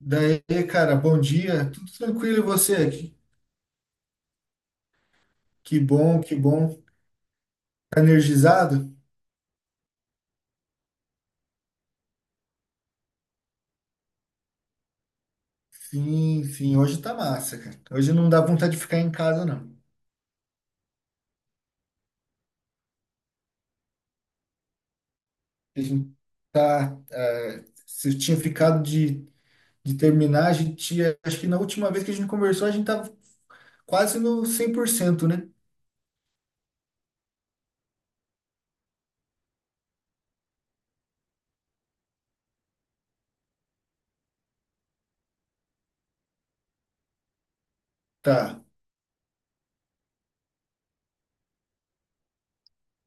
Daí, cara, bom dia. Tudo tranquilo e você? Que bom, que bom. Tá energizado? Sim, sim. Hoje tá massa, cara. Hoje não dá vontade de ficar em casa, não. A gente tá. eh, Se eu tinha ficado de terminar, a gente tinha. Acho que na última vez que a gente conversou, a gente tava quase no 100%, né? Tá.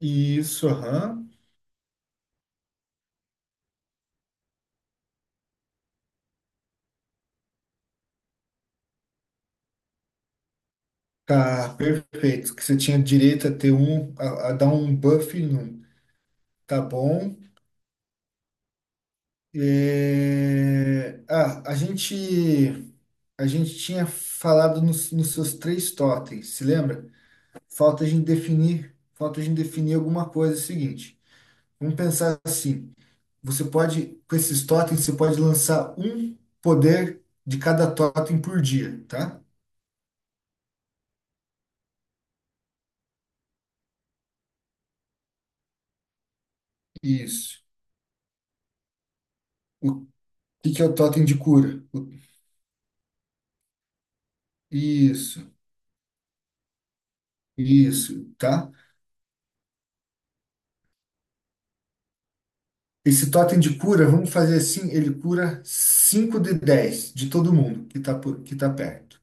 Isso, aham. Tá, perfeito. Que você tinha direito a ter um. A dar um buff num. Tá bom. É, ah, a gente a gente tinha falado nos seus três totens, se lembra? Falta a gente definir, falta a gente definir alguma coisa. É o seguinte, vamos pensar assim. Você pode, com esses totens, você pode lançar um poder de cada totem por dia, tá? Isso. O que que é o totem de cura? Isso, isso, tá? Esse totem de cura, vamos fazer assim, ele cura 5 de 10 de todo mundo que tá perto,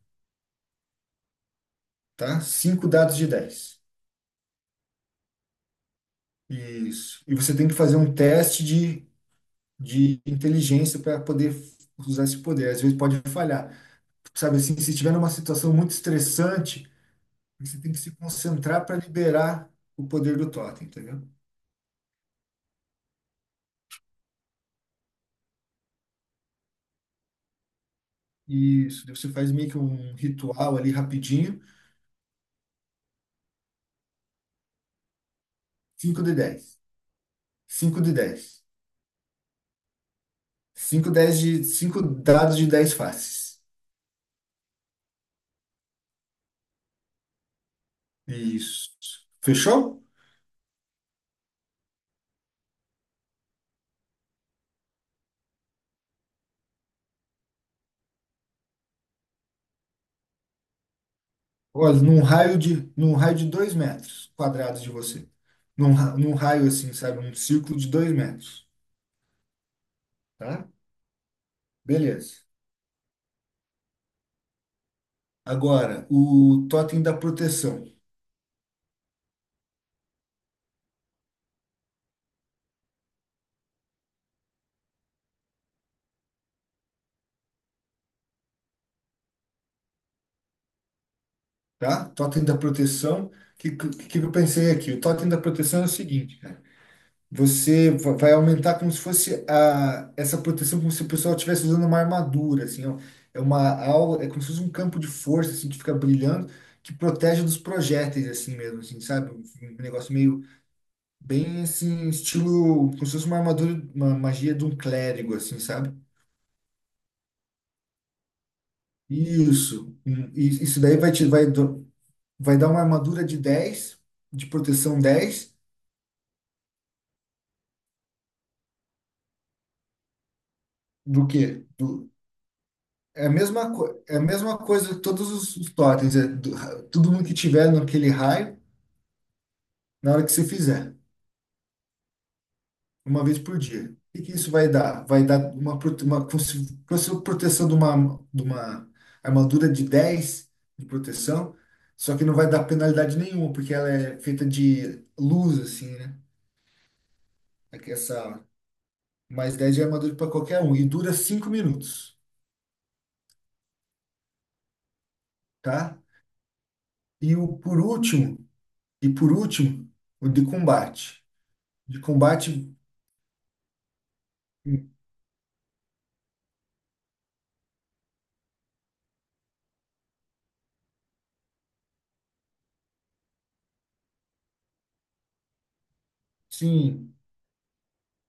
tá? Cinco dados de dez. Isso. E você tem que fazer um teste de inteligência para poder usar esse poder. Às vezes pode falhar. Sabe assim, se estiver numa situação muito estressante, você tem que se concentrar para liberar o poder do totem, entendeu? Isso. Daí você faz meio que um ritual ali rapidinho. 5 de 10 cinco de dez. Cinco, dez de, cinco dados de 10 faces. Isso. Fechou? Olha, num raio de 2 metros quadrados de você. Num raio assim, sabe? Um círculo de 2 metros, tá? Beleza. Agora, o totem da proteção, tá? Totem da proteção, o que eu pensei aqui? O totem da proteção é o seguinte, cara. Você vai aumentar como se fosse essa proteção, como se o pessoal estivesse usando uma armadura, assim, ó. É uma aula, é como se fosse um campo de força, assim, que fica brilhando, que protege dos projéteis, assim mesmo, assim, sabe? Um negócio meio, bem, assim, estilo, como se fosse uma armadura, uma magia de um clérigo, assim, sabe? Isso. E isso daí vai te, vai, do- vai dar uma armadura de dez de proteção dez. Do quê? É a mesma coisa de todos os, totens, é do, todo mundo que tiver naquele raio, na hora que você fizer, uma vez por dia. O que que isso vai dar? Vai dar uma proteção de uma armadura de 10 de proteção, só que não vai dar penalidade nenhuma, porque ela é feita de luz, assim, né? Aqui Essa mais 10 de armadura para qualquer um, e dura 5 minutos, tá? E o por último, e por último, o de combate. Sim,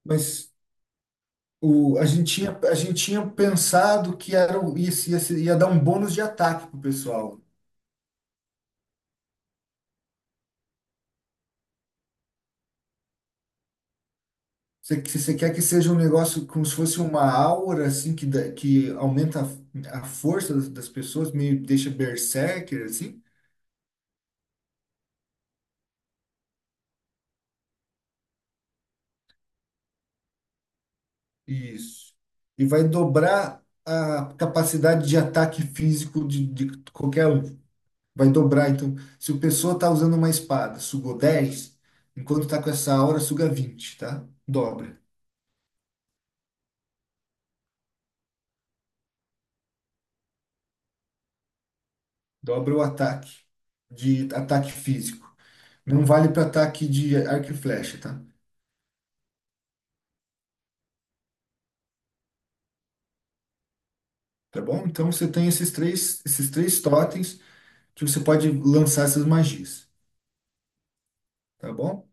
mas a gente tinha pensado que era, o- ia, ia, se- ia dar um bônus de ataque pro pessoal. Você quer que seja um negócio como se fosse uma aura, assim, que aumenta a força das pessoas, meio deixa berserker, assim? Isso. E vai dobrar a capacidade de ataque físico de qualquer um. Vai dobrar, então. Se o pessoa tá usando uma espada, sugou 10 enquanto tá com essa aura, suga 20, tá? Dobra. Dobra o ataque, de ataque físico. Não vale para ataque de arco e flecha, tá? Tá bom? Então você tem esses três totens que você pode lançar essas magias, tá bom?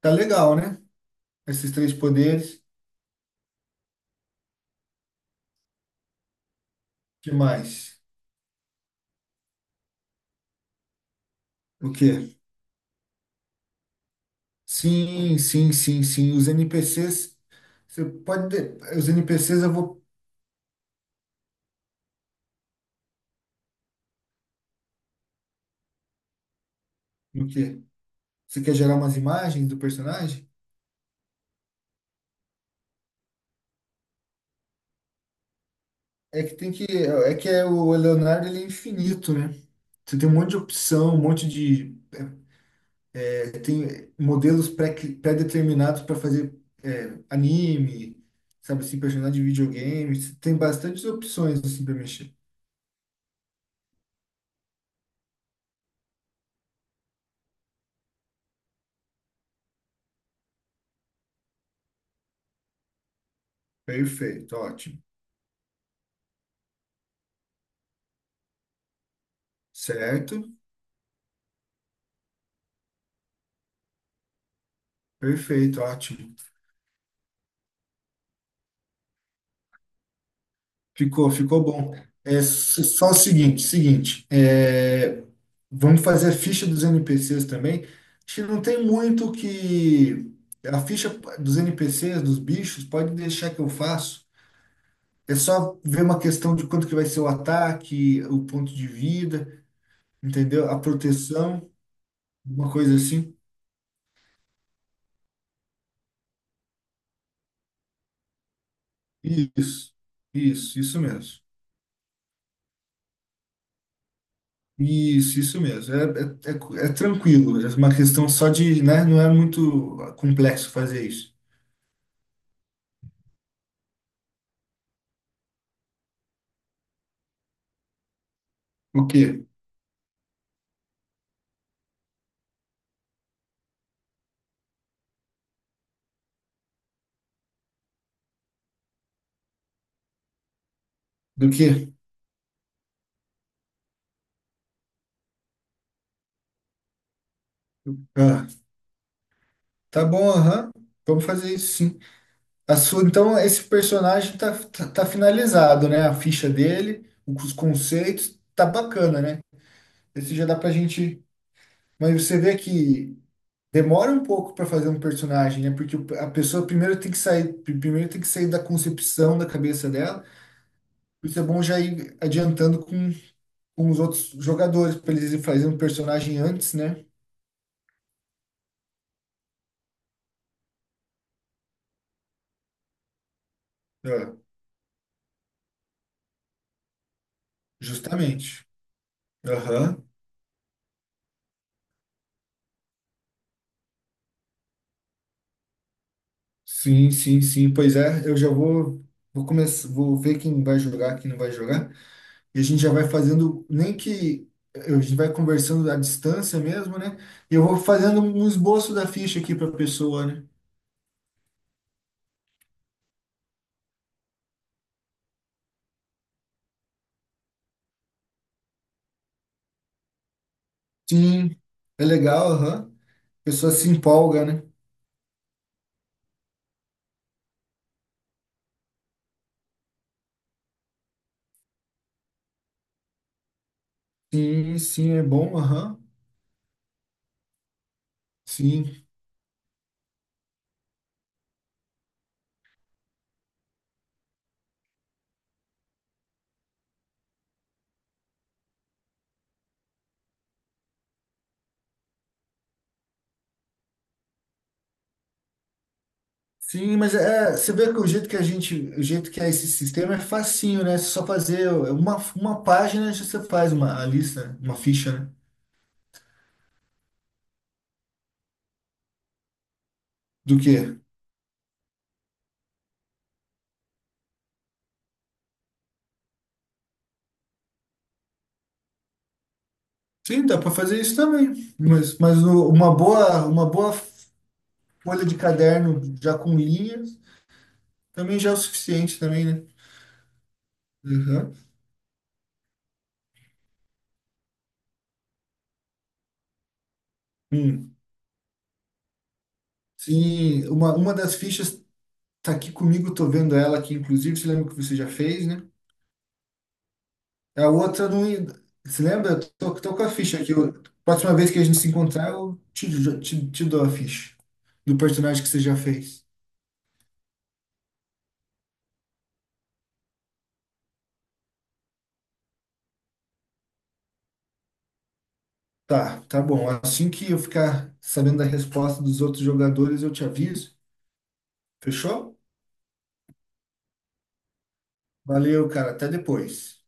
Tá legal, né? Esses três poderes. O Que mais? O quê? Sim, sim, sim, sim. Os NPCs, você pode os NPCs eu vou. O quê? Você quer gerar umas imagens do personagem? É que tem que. O Leonardo ele é infinito, né? Você tem um monte de opção, um monte de. Tem modelos pré-determinados para fazer anime, sabe assim, personagem de videogame. Você tem bastantes opções assim para mexer. Perfeito, ótimo. Certo? Perfeito, ótimo. Ficou bom. É só o seguinte, vamos fazer a ficha dos NPCs também. Acho que não tem muito o que. A ficha dos NPCs, dos bichos, pode deixar que eu faço. É só ver uma questão de quanto que vai ser o ataque, o ponto de vida, entendeu? A proteção, uma coisa assim. Isso, isso mesmo. Isso mesmo. É tranquilo, é uma questão só de, né? Não é muito complexo fazer isso. O quê? Do quê? Ah, tá bom, aham. Vamos fazer isso sim. Então, esse personagem tá finalizado, né? A ficha dele, os conceitos, tá bacana, né? Esse já dá pra gente. Mas você vê que demora um pouco para fazer um personagem, né? Porque a pessoa primeiro tem que sair, primeiro tem que sair da concepção da cabeça dela. Isso é bom já ir adiantando com, os outros jogadores, para eles fazerem um personagem antes, né? Ah, justamente. Aham. Sim, sim, sim. Pois é, eu já vou começar, vou ver quem vai jogar, quem não vai jogar. E a gente já vai fazendo, nem que a gente vai conversando à distância mesmo, né? E eu vou fazendo um esboço da ficha aqui para a pessoa, né? Sim, é legal, aham. A pessoa se empolga, né? Sim, sim, é bom, aham. Sim. Sim, mas é, você vê que o jeito que é esse sistema é facinho, né? Só fazer uma página, já você faz uma a lista, uma ficha, né? Do quê? Sim, dá para fazer isso também. Mas uma boa folha de caderno já com linhas também já é o suficiente também, né? Uhum. Hum. Sim, uma das fichas tá aqui comigo, tô vendo ela aqui, inclusive, você lembra que você já fez, né? A outra não. Você lembra? Eu tô com a ficha aqui. Próxima vez que a gente se encontrar, eu te dou a ficha do personagem que você já fez. Tá, tá bom. Assim que eu ficar sabendo da resposta dos outros jogadores, eu te aviso. Fechou? Valeu, cara. Até depois.